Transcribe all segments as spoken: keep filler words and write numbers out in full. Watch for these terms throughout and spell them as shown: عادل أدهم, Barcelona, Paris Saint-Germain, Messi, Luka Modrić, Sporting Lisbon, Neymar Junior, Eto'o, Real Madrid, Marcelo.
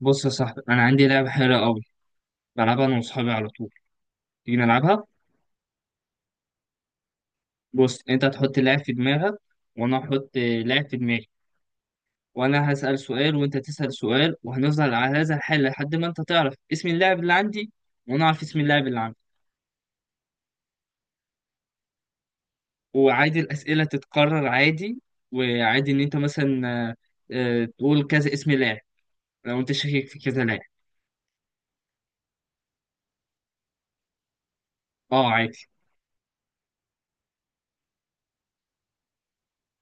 بص يا صاحبي، انا عندي لعبه حلوه قوي، بلعبها انا واصحابي على طول. تيجي نلعبها؟ بص، انت تحط لاعب في دماغك وانا احط لاعب في دماغي، وانا هسال سؤال وانت تسال سؤال وهنفضل على هذا الحال لحد ما انت تعرف اسم اللاعب اللي عندي وانا اعرف اسم اللاعب اللي عندي. وعادي الاسئله تتكرر عادي، وعادي ان انت مثلا آه، آه، تقول كذا اسم لاعب لو انت شاكك في كذا لاعب. اه عادي.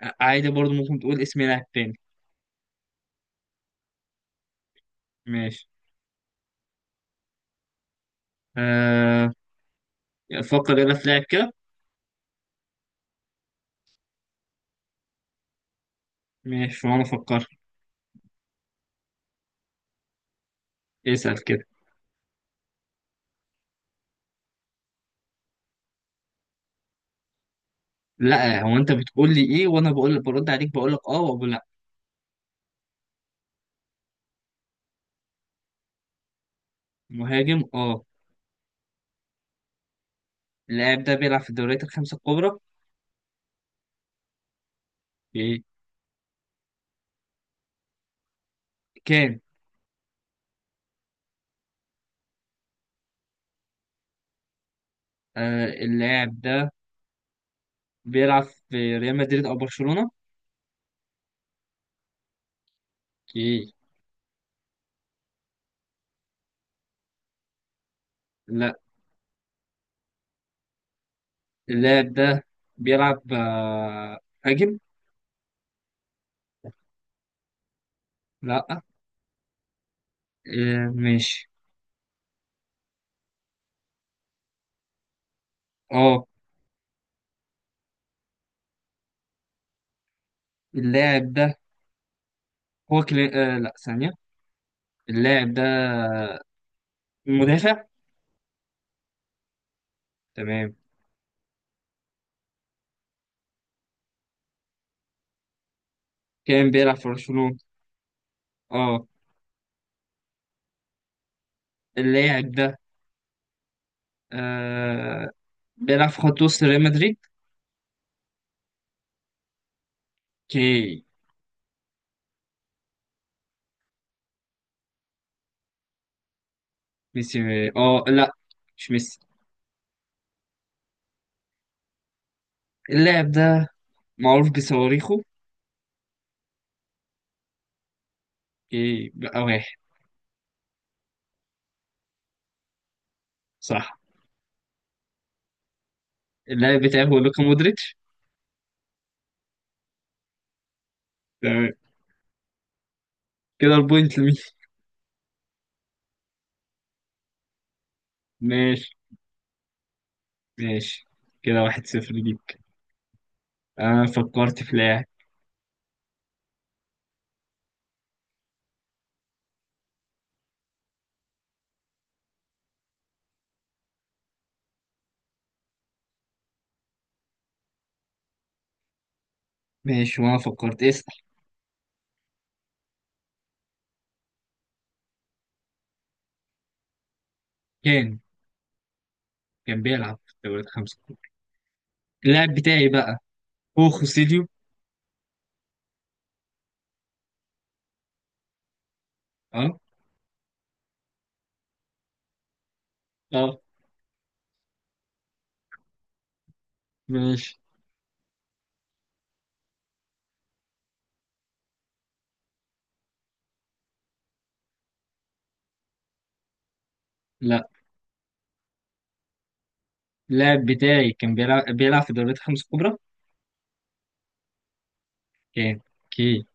آه، عادي برضه ممكن تقول اسم لاعب تاني. ماشي. أه، فكر يلا في لاعب كده. ماشي وانا افكر. اسأل كده. لا، هو انت بتقول لي ايه وانا بقول برد عليك بقول لك اه وبقول لا. مهاجم اه. اللاعب ده بيلعب في الدوريات الخمسة الكبرى. إيه. كان. آه، اللاعب ده بيلعب في ريال مدريد او برشلونة؟ ايه؟ لا. اللاعب ده بيلعب آه مهاجم. لا. آه ماشي. اه اللاعب ده هو كلي... آه لا، ثانية. اللاعب ده مدافع. تمام. كان بيلعب في برشلونة اه. اللاعب ده آه بيلعب في خط وسط ريال مدريد. اوكي. ميسي م- اه لا، مش ميسي. اللاعب ده معروف بصواريخه. اوكي بقى واحد. صح. اللاعب بتاعه هو لوكا مودريتش. تمام. كده البوينت لمين؟ ماشي ماشي. كده واحد صفر ليك. انا فكرت في لاعب. ماشي وانا فكرت، اسأل. كان، كان بيلعب في الدوري الخمسة الكبرى. اللاعب بتاعي بقى هو خوسيليو. اه. اه ماشي. لا. اللاعب بتاعي كان بيلعب بيلعب في الدوريات الخمسة الكبرى. كان، اوكي.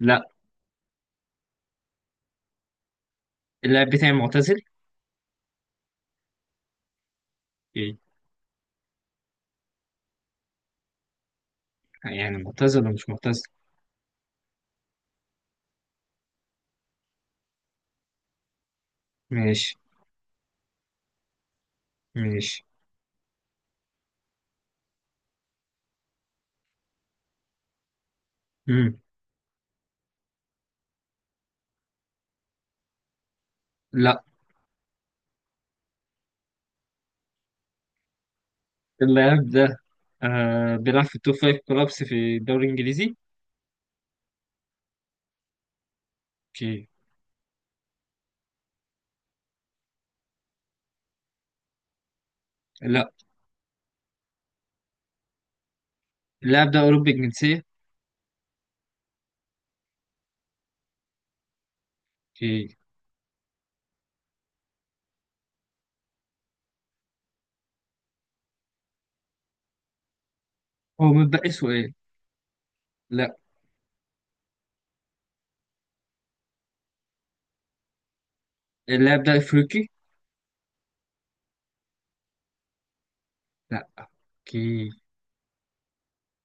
لا. اللاعب بتاعي معتزل. يعني معتزل ولا مش معتزل؟ ماشي ماشي. مم. لا. اللاعب ده آه بيلعب في التوب فايف كلابس في الدوري الإنجليزي. اوكي. لا. اللاعب ده أوروبي الجنسية. اوكي. هو متبقي سؤال. لا. اللاعب ده أفريقي؟ لا. اوكي.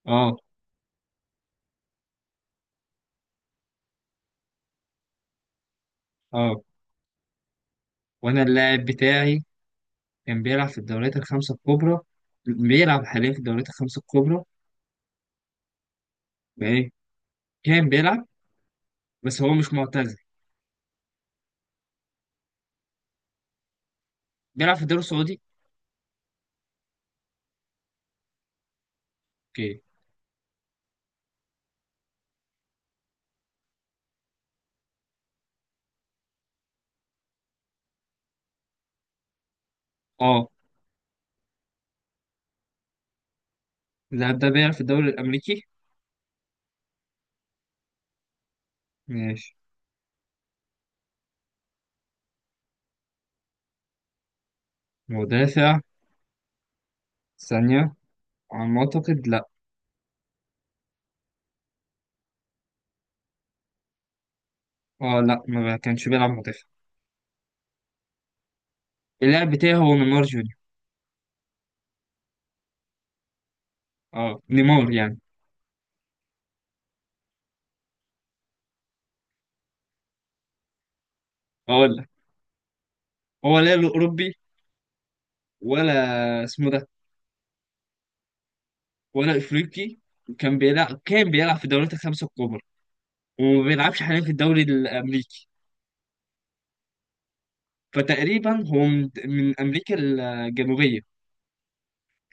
اه. اه. وانا اللاعب بتاعي كان بيلعب في الدوريات الخمسة الكبرى، بيلعب حاليا في الدوريات الخمسة الكبرى. ايه، كان بيلعب. بس هو مش معتزل. بيلعب في الدوري السعودي؟ اوكي. اه. اللاعب ده بيلعب في الدوري الأمريكي؟ ماشي. مدافع؟ ثانية. على ما أعتقد لأ. أه لأ، ما كانش بيلعب مدافع. اللاعب بتاعي هو نيمار جونيور. أه نيمار يعني. أقول لك، هو لا له أوروبي، ولا اسمه ده، ولا أفريقي، وكان بيلعب كان بيلعب في الدوريات الخمسة الكبرى، وما بيلعبش حاليا في الدوري الأمريكي، فتقريبا هو من, من أمريكا الجنوبية.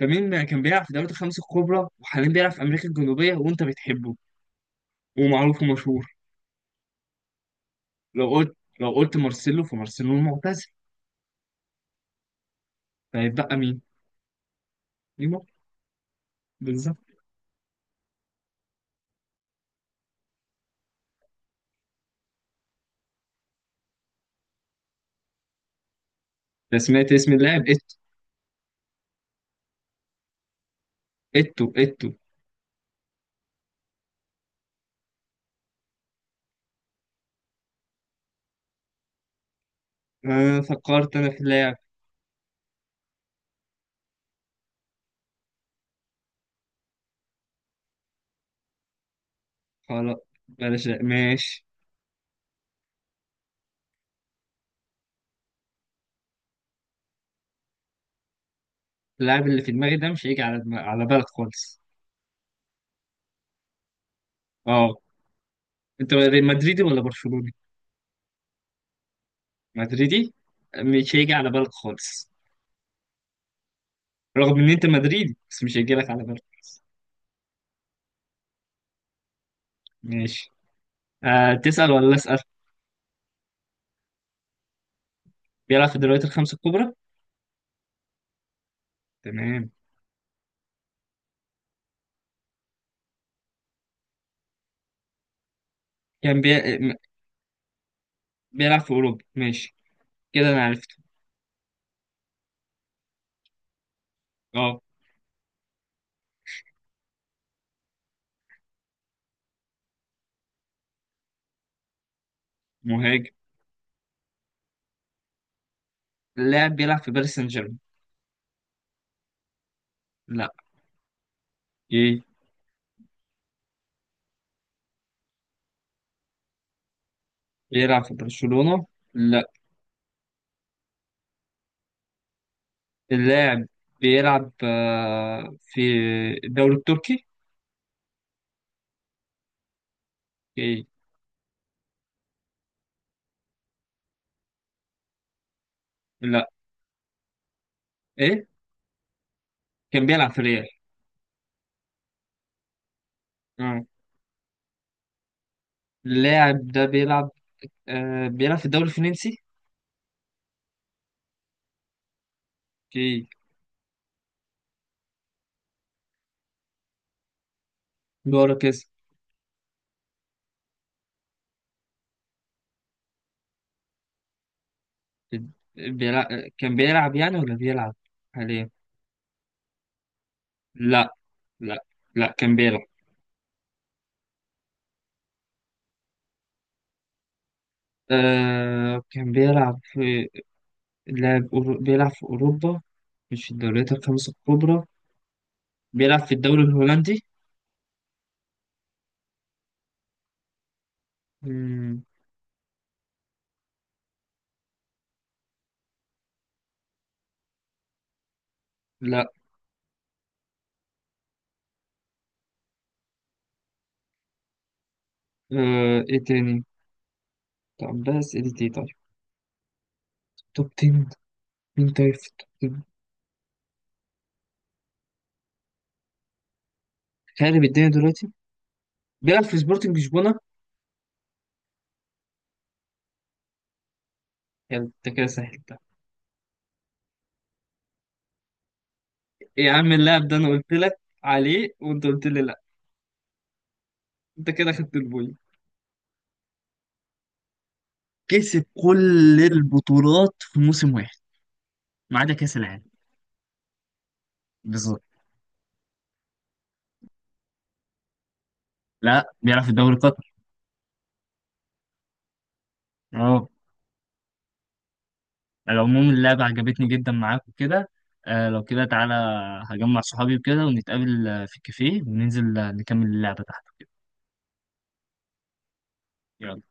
فمين كان بيلعب في الدوريات الخمسة الكبرى وحاليا بيلعب في أمريكا الجنوبية وأنت بتحبه ومعروف ومشهور؟ لو قلت لو قلت مارسيلو، فمارسيلو المعتزل، فهيتبقى مين؟ بالظبط. أنا سمعت اسم اللاعب إت... إتو. إتو. آه فكرت أنا في اللاعب. خلاص، بلاش. لا. ماشي. اللاعب اللي في دماغي ده مش هيجي على دم... على بالك خالص. أه. أنت مدريدي ولا برشلوني؟ مدريدي. مش هيجي على بالك خالص. رغم إن أنت مدريدي بس مش هيجي لك على بالك. ماشي. آه تسأل ولا أسأل؟ بيلعب في الدوريات الخمسة الكبرى؟ تمام. كان بي... م- بيلعب في أوروبا ماشي. كده أنا عرفته. أه. مهاجم. اللاعب بيلعب في باريس سان جيرمان؟ لا. بيلعب في برشلونة؟ لا. اللاعب بيلعب آه، في الدوري التركي؟ إيه؟ لا. ايه؟ كان بيلعب في ريال. آه. اللاعب ده بيلعب آه، بيلعب في الدوري الفرنسي؟ اوكي. دوري كاس. بيلعب، كان بيلعب يعني ولا بيلعب حاليا؟ لا لا. لا كان بيلعب. آه كان بيلعب في لاعب أورو- بيلعب في أوروبا مش في الدوريات الخمسة الكبرى. بيلعب في الدوري الهولندي؟ مم، لا. آه، ايه تاني؟ طب ده اسئلة ايه طيب؟ توب عشرة. مين طيب في التوب عشرة؟ خارب الدنيا دلوقتي. بيلعب في سبورتنج لشبونة. يلا انت كده سهلتها. يا عم، اللاعب ده انا قلت لك عليه وانت قلت لي لا. انت كده خدت البوينت. كسب كل البطولات في موسم واحد ما عدا كأس العالم. بالظبط. لا بيلعب في الدوري القطري. اه. على العموم، اللعبة عجبتني جدا معاك وكده. آه لو كده تعالى، هجمع صحابي وكده ونتقابل آه، في الكافيه وننزل آه، نكمل اللعبة تحت وكده. يلا